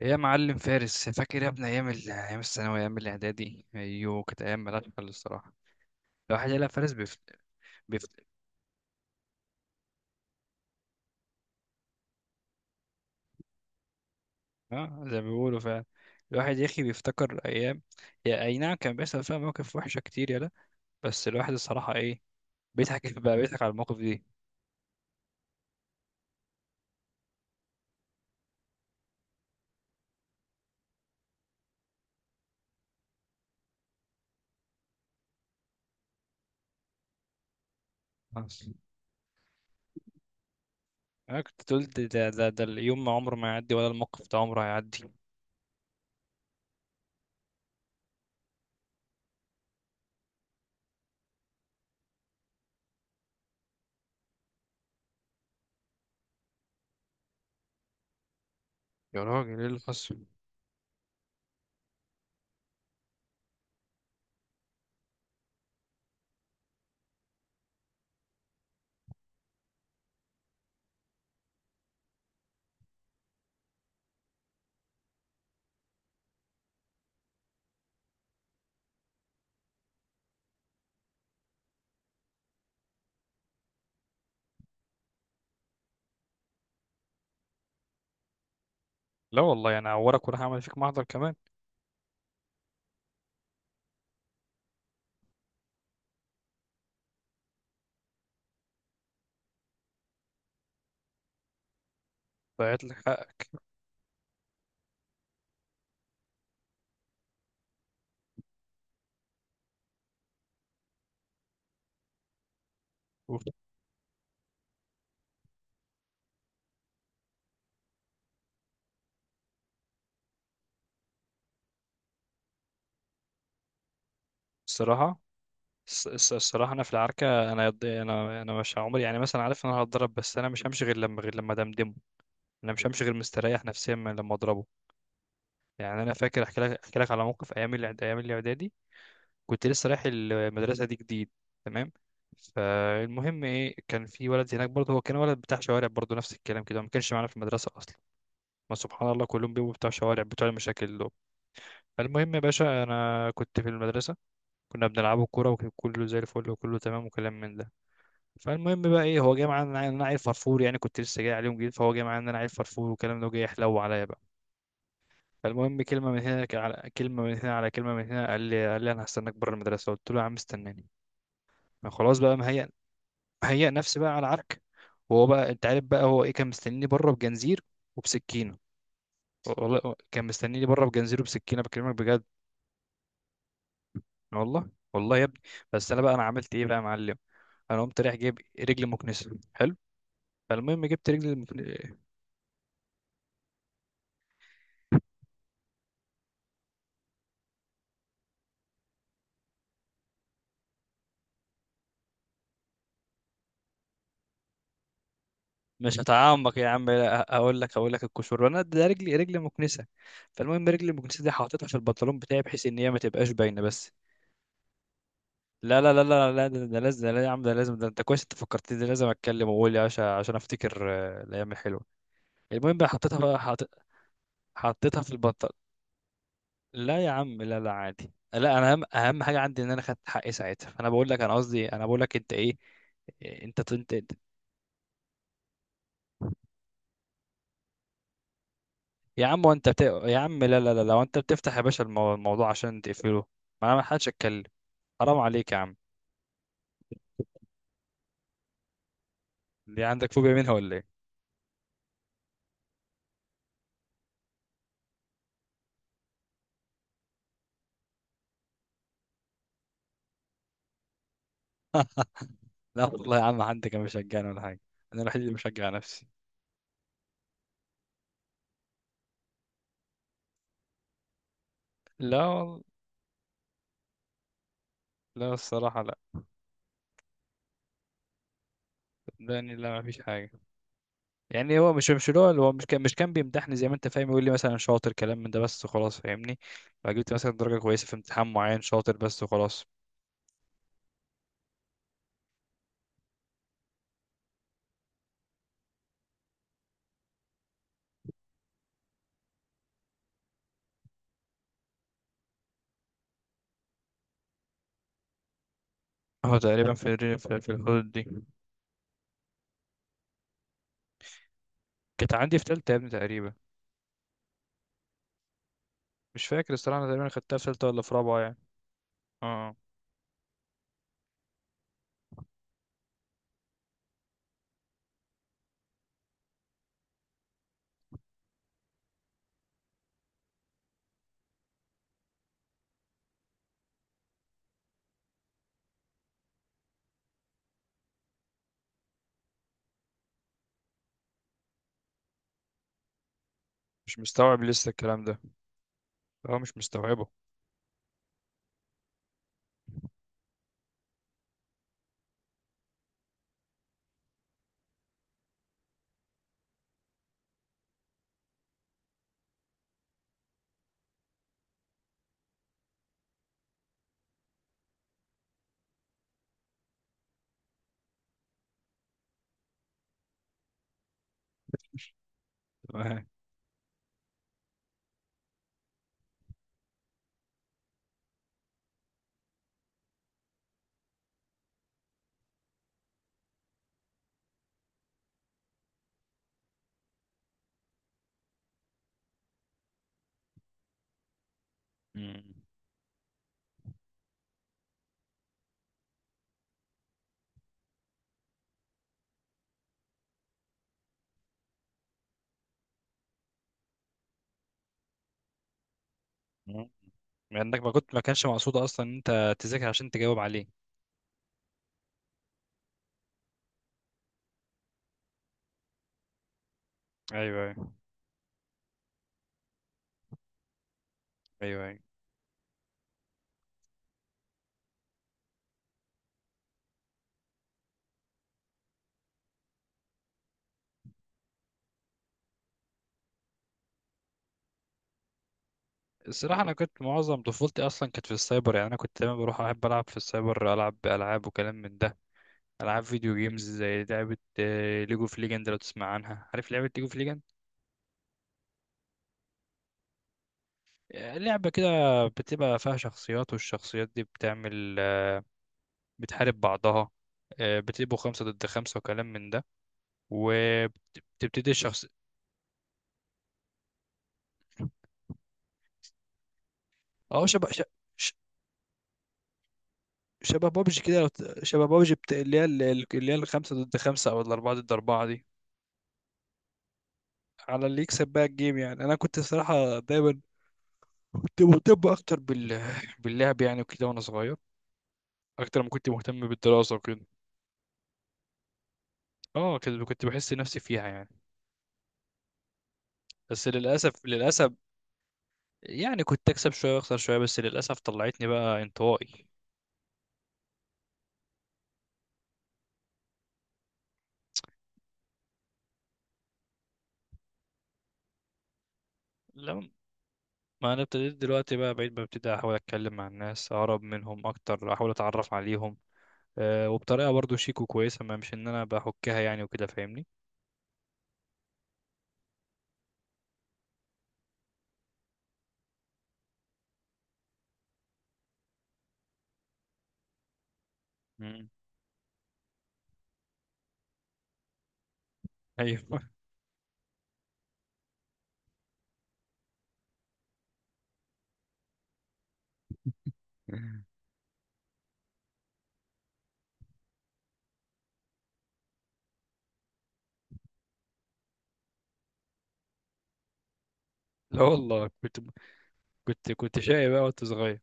يا معلم فارس، فاكر يا ابني ايام ايام الثانويه، ايام الاعدادي؟ ايوه، كانت ايام ملهاش حل الصراحه. الواحد يلا فارس بيفت... اه، زي ما بيقولوا فعلا. الواحد يا اخي بيفتكر ايام، هي اي نعم كان بيحصل فيها مواقف وحشه كتير يلا، بس الواحد الصراحه ايه، بيضحك بقى، بيضحك على المواقف دي. آه. انا كنت قلت ده اليوم ما عمره ما يعدي، ولا الموقف ده عمره هيعدي. يا راجل، ايه اللي حصل؟ لا والله انا هعورك، وراح اعمل فيك محضر كمان. ضيعت لك حقك. أوف. الصراحه، الصراحه انا في العركه، انا يض- انا انا مش عمري يعني مثلا عارف ان انا هتضرب، بس انا مش همشي غير لما دمدمه. انا مش همشي غير مستريح نفسيا من لما اضربه. يعني انا فاكر، احكي لك على موقف ايام ايام الاعدادي. كنت لسه رايح المدرسه دي جديد، تمام؟ فالمهم ايه، كان في ولد هناك برضه، هو كان ولد بتاع شوارع برضه، نفس الكلام كده، ما كانش معانا في المدرسه اصلا. ما سبحان الله، كلهم بيبقوا بتوع شوارع، بتوع المشاكل دول. المهم يا باشا، انا كنت في المدرسه، كنا بنلعبوا كوره وكله زي الفل وكله تمام وكلام من ده. فالمهم بقى ايه، هو جاي معايا ان انا عيل فرفور، يعني كنت لسه جاي عليهم جديد، فهو جاي معايا ان انا عيل فرفور والكلام ده، وجاي يحلو عليا بقى. فالمهم، كلمه من هنا على كلمه من هنا على كلمه من هنا، قال لي انا هستناك بره المدرسه. قلت له يا عم استناني. ما خلاص بقى، مهيأ، مهيأ نفسي بقى على عرك. وهو بقى، انت عارف بقى هو ايه؟ كان مستنيني بره بجنزير وبسكينه. والله كان مستنيني بره بجنزير وبسكينه، بكلمك بجد. والله والله يا ابني. بس انا بقى انا عملت ايه بقى يا معلم؟ انا قمت رايح جايب رجل مكنسه، حلو؟ فالمهم جبت رجل. مش هتعمق يا عم، لا، هقول لك، هقول لك الكشور. انا ده، رجلي، رجلي مكنسه. فالمهم، رجلي المكنسه دي حاططها في البنطلون بتاعي بحيث ان هي ما تبقاش باينه بس. لا لا لا لا لا، ده لازم، ده لا يا عم ده لازم، ده انت كويس، انت فكرتني، ده لازم اتكلم واقول، يا عشان افتكر الايام الحلوه. المهم بقى حطيتها بقى، حطيتها في البنطلون. لا يا عم لا لا عادي، لا انا، اهم حاجه عندي ان انا خدت حقي ساعتها. فانا بقول لك، انا قصدي انا بقول لك انت ايه، انت. يا عم وانت بت... يا عم لا لا لا، لو انت بتفتح يا باشا الموضوع عشان تقفله، ما حدش اتكلم. حرام عليك يا عم. دي عندك فوبيا منها ولا ايه؟ لا والله يا عم، حد كان مشجعني ولا حاجه. انا الوحيد اللي بشجع نفسي. لا والله. لا الصراحه لا. صدقني لا، ما فيش حاجه. يعني هو مش اللي هو مش كان بيمدحني زي ما انت فاهم، يقول لي مثلا شاطر، كلام من ده بس، خلاص، فاهمني؟ فجبت مثلا درجه كويسه في امتحان معين، شاطر بس وخلاص. هو تقريبا في في الحدود دي. كانت عندي في تالتة يا ابني تقريبا، مش فاكر الصراحه، انا تقريبا خدتها في تالتة ولا في رابعه يعني. اه، مش مستوعب لسه الكلام ده، هو مش مستوعبه. تمام. مم. مم. لانك ما كنت، ما كانش مقصود اصلا ان انت تذاكر عشان تجاوب عليه. ايوه ايوه. ايوه ايوه. الصراحه انا كنت معظم طفولتي اصلا كانت في السايبر، يعني انا كنت دايما بروح، احب العب في السايبر، العب العاب وكلام من ده. العاب فيديو جيمز، زي لعبه ليجو اوف ليجند، لو تسمع عنها، عارف لعبه ليجو اوف ليجند؟ لعبه كده، بتبقى فيها شخصيات، والشخصيات دي بتعمل بتحارب بعضها، بتبقوا خمسة ضد خمسة وكلام من ده، وبتبتدي الشخص. اه، شبه ش- شبه بابجي كده، لو شبه بابجي اللي هي الخمسة ضد خمسة أو الأربعة ضد أربعة دي، على اللي يكسب بقى الجيم. يعني أنا كنت الصراحة دايما كنت مهتم أكتر باللعب يعني، وكده وأنا صغير، أكتر ما كنت مهتم بالدراسة وكده. اه، كده كنت بحس نفسي فيها يعني. بس للأسف يعني كنت أكسب شوية وأخسر شوية، بس للأسف طلعتني بقى انطوائي. لا، ما انا ابتديت دلوقتي بقى، بعيد ما ابتدي احاول اتكلم مع الناس، اقرب منهم اكتر، احاول اتعرف عليهم. أه، وبطريقه برضو شيك وكويسه، ما مش ان انا بحكها يعني، وكده، فاهمني؟ مم. ايوه. لا والله كنت شقي بقى وأنت صغير.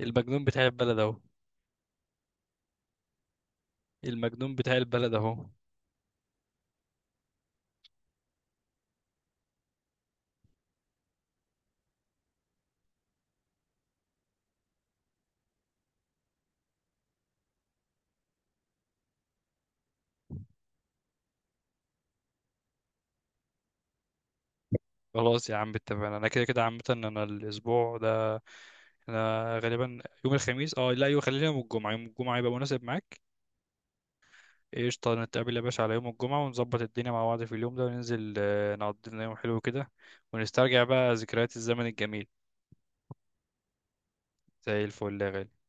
المجنون بتاع البلد أهو. المجنون بتاع البلد أهو. خلاص يا عم اتفقنا، أنا كده كده عامة، أنا الأسبوع ده أنا غالبا يوم الخميس، أه لا يوم، خلينا يوم الجمعة، يوم الجمعة يبقى مناسب معاك. قشطة، نتقابل يا باشا على يوم الجمعة، ونظبط الدنيا مع بعض في اليوم ده، وننزل نقضي لنا يوم حلو كده، ونسترجع بقى ذكريات الزمن الجميل. زي الفل يا غالي.